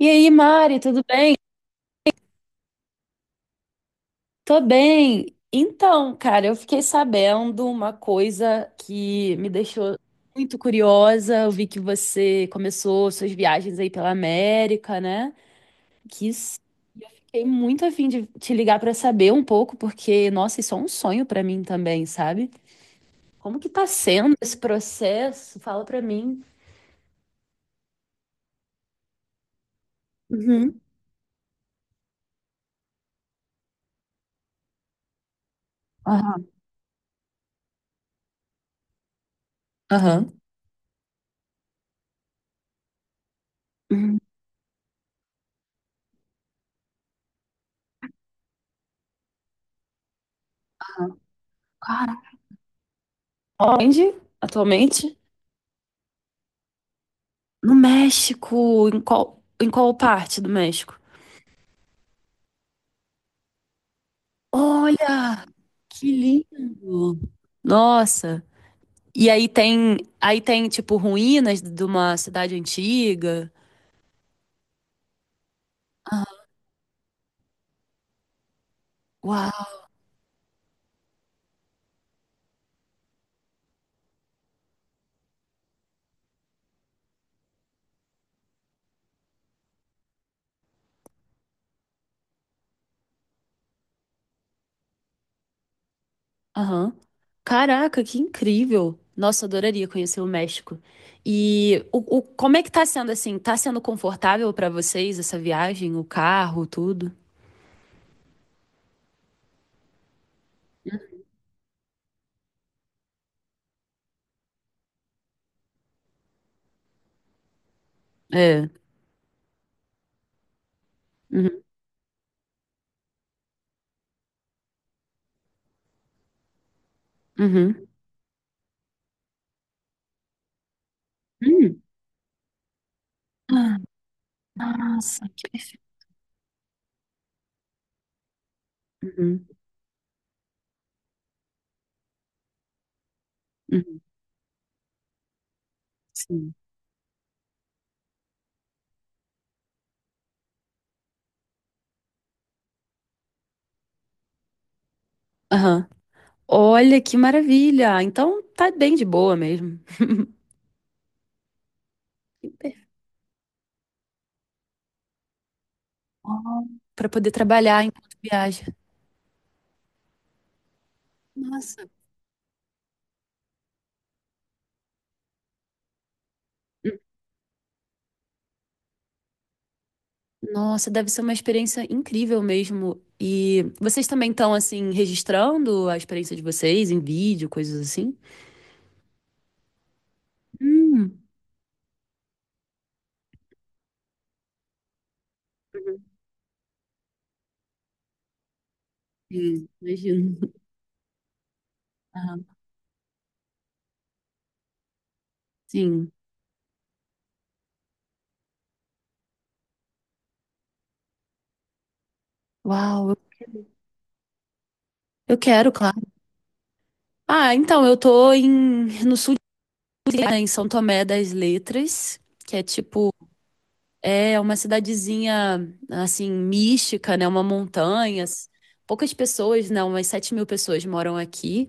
E aí, Mari, tudo bem? Tô bem. Então, cara, eu fiquei sabendo uma coisa que me deixou muito curiosa. Eu vi que você começou suas viagens aí pela América, né? Que s- e eu fiquei muito a fim de te ligar pra saber um pouco, porque, nossa, isso é um sonho pra mim também, sabe? Como que tá sendo esse processo? Fala pra mim. Uhum. Aham. Aham. Uhum. Cara, onde atualmente? No México, em qual parte do México? Olha, que lindo! Nossa! E aí tem tipo ruínas de uma cidade antiga. Uau! Aham. Caraca, que incrível! Nossa, eu adoraria conhecer o México. E como é que tá sendo assim? Tá sendo confortável pra vocês essa viagem, o carro, tudo? É. Uhum. Uhum. Hum. Ah, nossa, que perfeito. Uhum. Uhum. Sim. Aham. Olha que maravilha! Então tá bem de boa mesmo. Que per- Ó, pra poder trabalhar enquanto viaja. Nossa, nossa, deve ser uma experiência incrível mesmo. E vocês também estão assim registrando a experiência de vocês em vídeo, coisas assim? Hum. Sim, imagino. Aham, sim. Uau, eu quero, claro. Ah, então, no sul, de Minas, né, em São Tomé das Letras, que é tipo. É uma cidadezinha, assim, mística, né? Uma montanha. Poucas pessoas, né? Umas 7.000 pessoas moram aqui.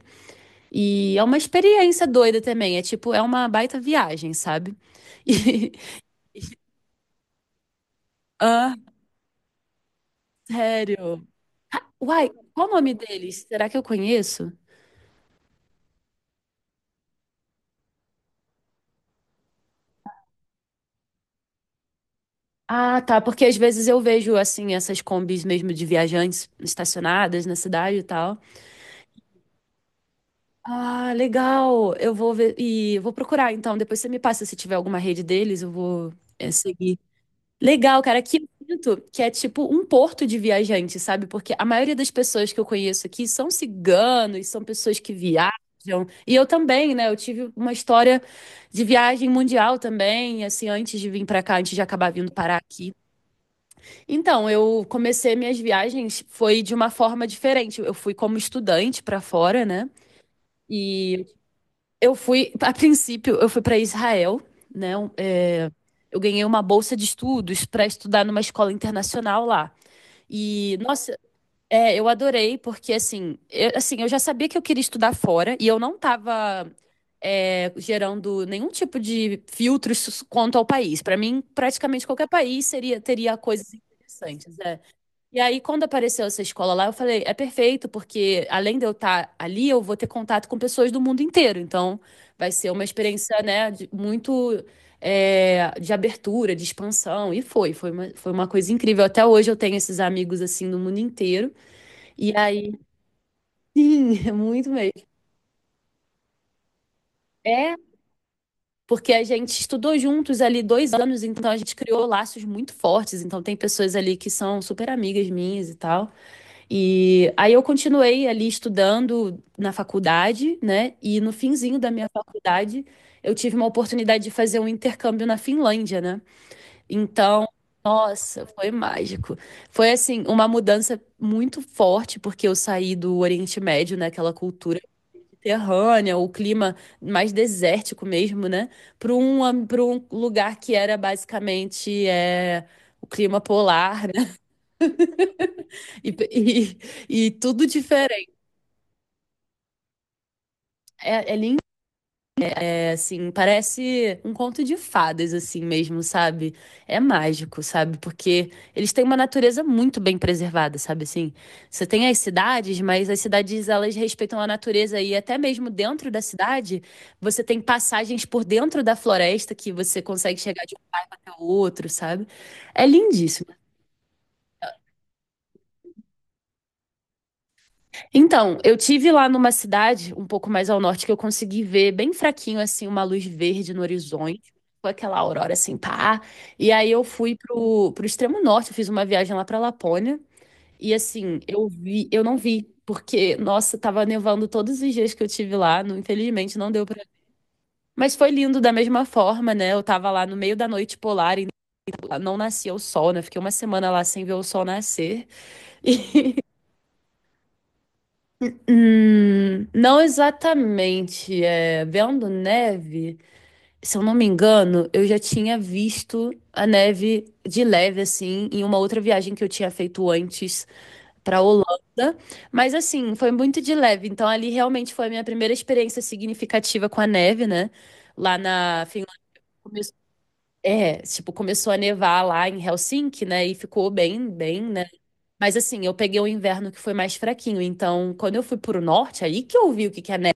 E é uma experiência doida também. É tipo, é uma baita viagem, sabe? E... Ah, sério. Uai, qual o nome deles? Será que eu conheço? Ah, tá. Porque às vezes eu vejo, assim, essas combis mesmo de viajantes estacionadas na cidade e tal. Ah, legal. Eu vou ver. E eu vou procurar, então. Depois você me passa se tiver alguma rede deles, eu vou. É, seguir. Legal, cara. Aqui eu sinto que é tipo um porto de viajante, sabe? Porque a maioria das pessoas que eu conheço aqui são ciganos, são pessoas que viajam. E eu também, né? Eu tive uma história de viagem mundial também, assim, antes de vir pra cá, antes de acabar vindo parar aqui. Então, eu comecei minhas viagens foi de uma forma diferente. Eu fui como estudante pra fora, né? E eu fui para Israel, né? Eu ganhei uma bolsa de estudos para estudar numa escola internacional lá. E, nossa, eu adorei, porque eu já sabia que eu queria estudar fora e eu não estava gerando nenhum tipo de filtros quanto ao país. Para mim, praticamente qualquer teria coisas interessantes. É. E aí, quando apareceu essa escola lá, eu falei, é perfeito, porque além de eu estar ali, eu vou ter contato com pessoas do mundo inteiro. Então, vai ser uma experiência, né, muito de abertura, de expansão. E foi uma coisa incrível. Até hoje eu tenho esses amigos, assim, do mundo inteiro. E aí, sim, é muito mesmo. É, porque a gente estudou juntos ali 2 anos, então a gente criou laços muito fortes. Então, tem pessoas ali que são super amigas minhas e tal. E aí eu continuei ali estudando na faculdade, né? E no finzinho da minha faculdade, eu tive uma oportunidade de fazer um intercâmbio na Finlândia, né? Então, nossa, foi mágico. Foi assim, uma mudança muito forte, porque eu saí do Oriente Médio, né? Aquela cultura mediterrânea, o clima mais desértico mesmo, né? Para pra um lugar que era basicamente o clima polar, né? E, e tudo diferente. É, é lindo, é assim, parece um conto de fadas, assim mesmo, sabe? É mágico, sabe? Porque eles têm uma natureza muito bem preservada, sabe? Assim, você tem as cidades, mas as cidades elas respeitam a natureza e até mesmo dentro da cidade, você tem passagens por dentro da floresta que você consegue chegar de um bairro até o outro, sabe? É lindíssimo. Então, eu tive lá numa cidade um pouco mais ao norte que eu consegui ver bem fraquinho assim uma luz verde no horizonte, foi aquela aurora assim, pá. E aí eu fui pro extremo norte, eu fiz uma viagem lá pra Lapônia e assim, eu vi, eu não vi porque nossa, tava nevando todos os dias que eu tive lá, infelizmente não deu pra. Mas foi lindo da mesma forma, né? Eu tava lá no meio da noite polar e não nascia o sol, né? Fiquei uma semana lá sem ver o sol nascer. Não exatamente. É, vendo neve, se eu não me engano, eu já tinha visto a neve de leve, assim, em uma outra viagem que eu tinha feito antes para Holanda. Mas, assim, foi muito de leve. Então, ali realmente foi a minha primeira experiência significativa com a neve, né? Lá na Finlândia começou. É, tipo, começou a nevar lá em Helsinki, né? E ficou bem, né? Mas assim, eu peguei o inverno que foi mais fraquinho. Então, quando eu fui pro norte, aí que eu vi o que que é neve,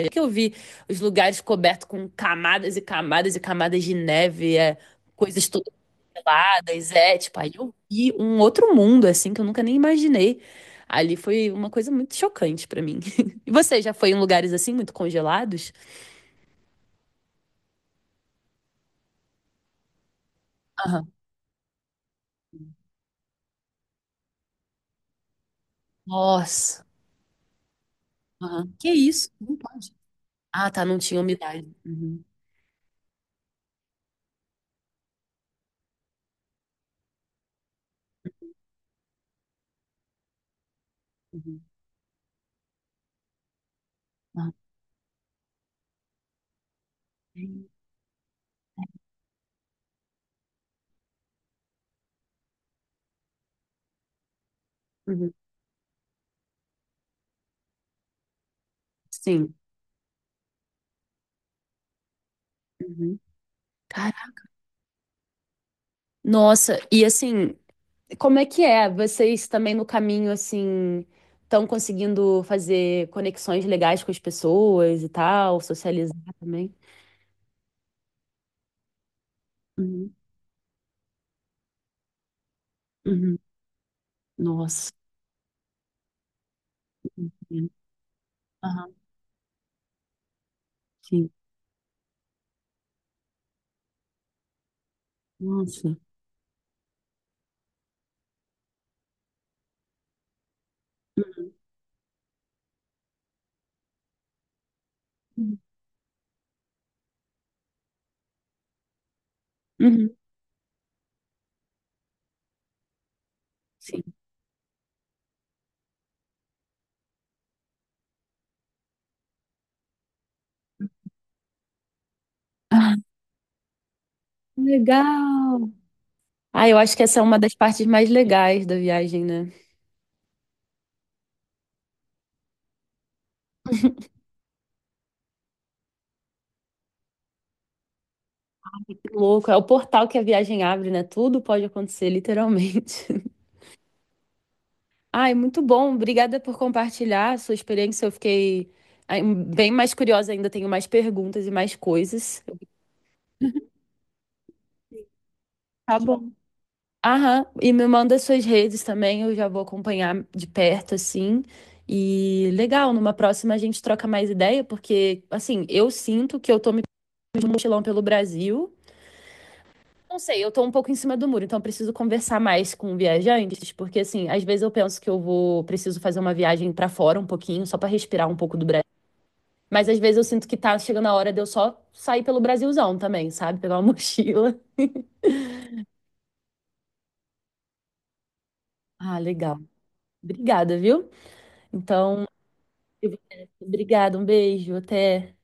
aí que eu vi os lugares cobertos com camadas e camadas e camadas de neve, é, coisas todas peladas, é, tipo, aí eu vi um outro mundo, assim, que eu nunca nem imaginei. Ali foi uma coisa muito chocante pra mim. E você já foi em lugares assim, muito congelados? Aham. Nossa. Aham. Que isso? Não pode. Ah, tá, não tinha umidade. Uhum, uhum, aham. Uhum, sim. Uhum. Nossa, e assim, como é que é? Vocês também no caminho, assim, estão conseguindo fazer conexões legais com as pessoas e tal, socializar também? Uhum, uhum. Nossa. Entendo. Aham, sim. Nossa. Uhum, uhum, sim. Ah, legal! Ah, eu acho que essa é uma das partes mais legais da viagem, né? Louco, é o portal que a viagem abre, né? Tudo pode acontecer, literalmente. Ai, muito bom. Obrigada por compartilhar a sua experiência. Eu fiquei ai, bem mais curiosa ainda, tenho mais perguntas e mais coisas. Tá bom. Aham, e me manda suas redes também, eu já vou acompanhar de perto, assim. E legal, numa próxima a gente troca mais ideia, porque, assim, eu sinto que eu tô me pegando de mochilão pelo Brasil. Não sei, eu tô um pouco em cima do muro, então eu preciso conversar mais com viajantes, porque, assim, às vezes eu penso que eu vou, preciso fazer uma viagem pra fora um pouquinho, só pra respirar um pouco do Brasil. Mas às vezes eu sinto que tá chegando a hora de eu só sair pelo Brasilzão também, sabe? Pegar uma mochila. Ah, legal. Obrigada, viu? Então, eu vou- obrigada, um beijo, até.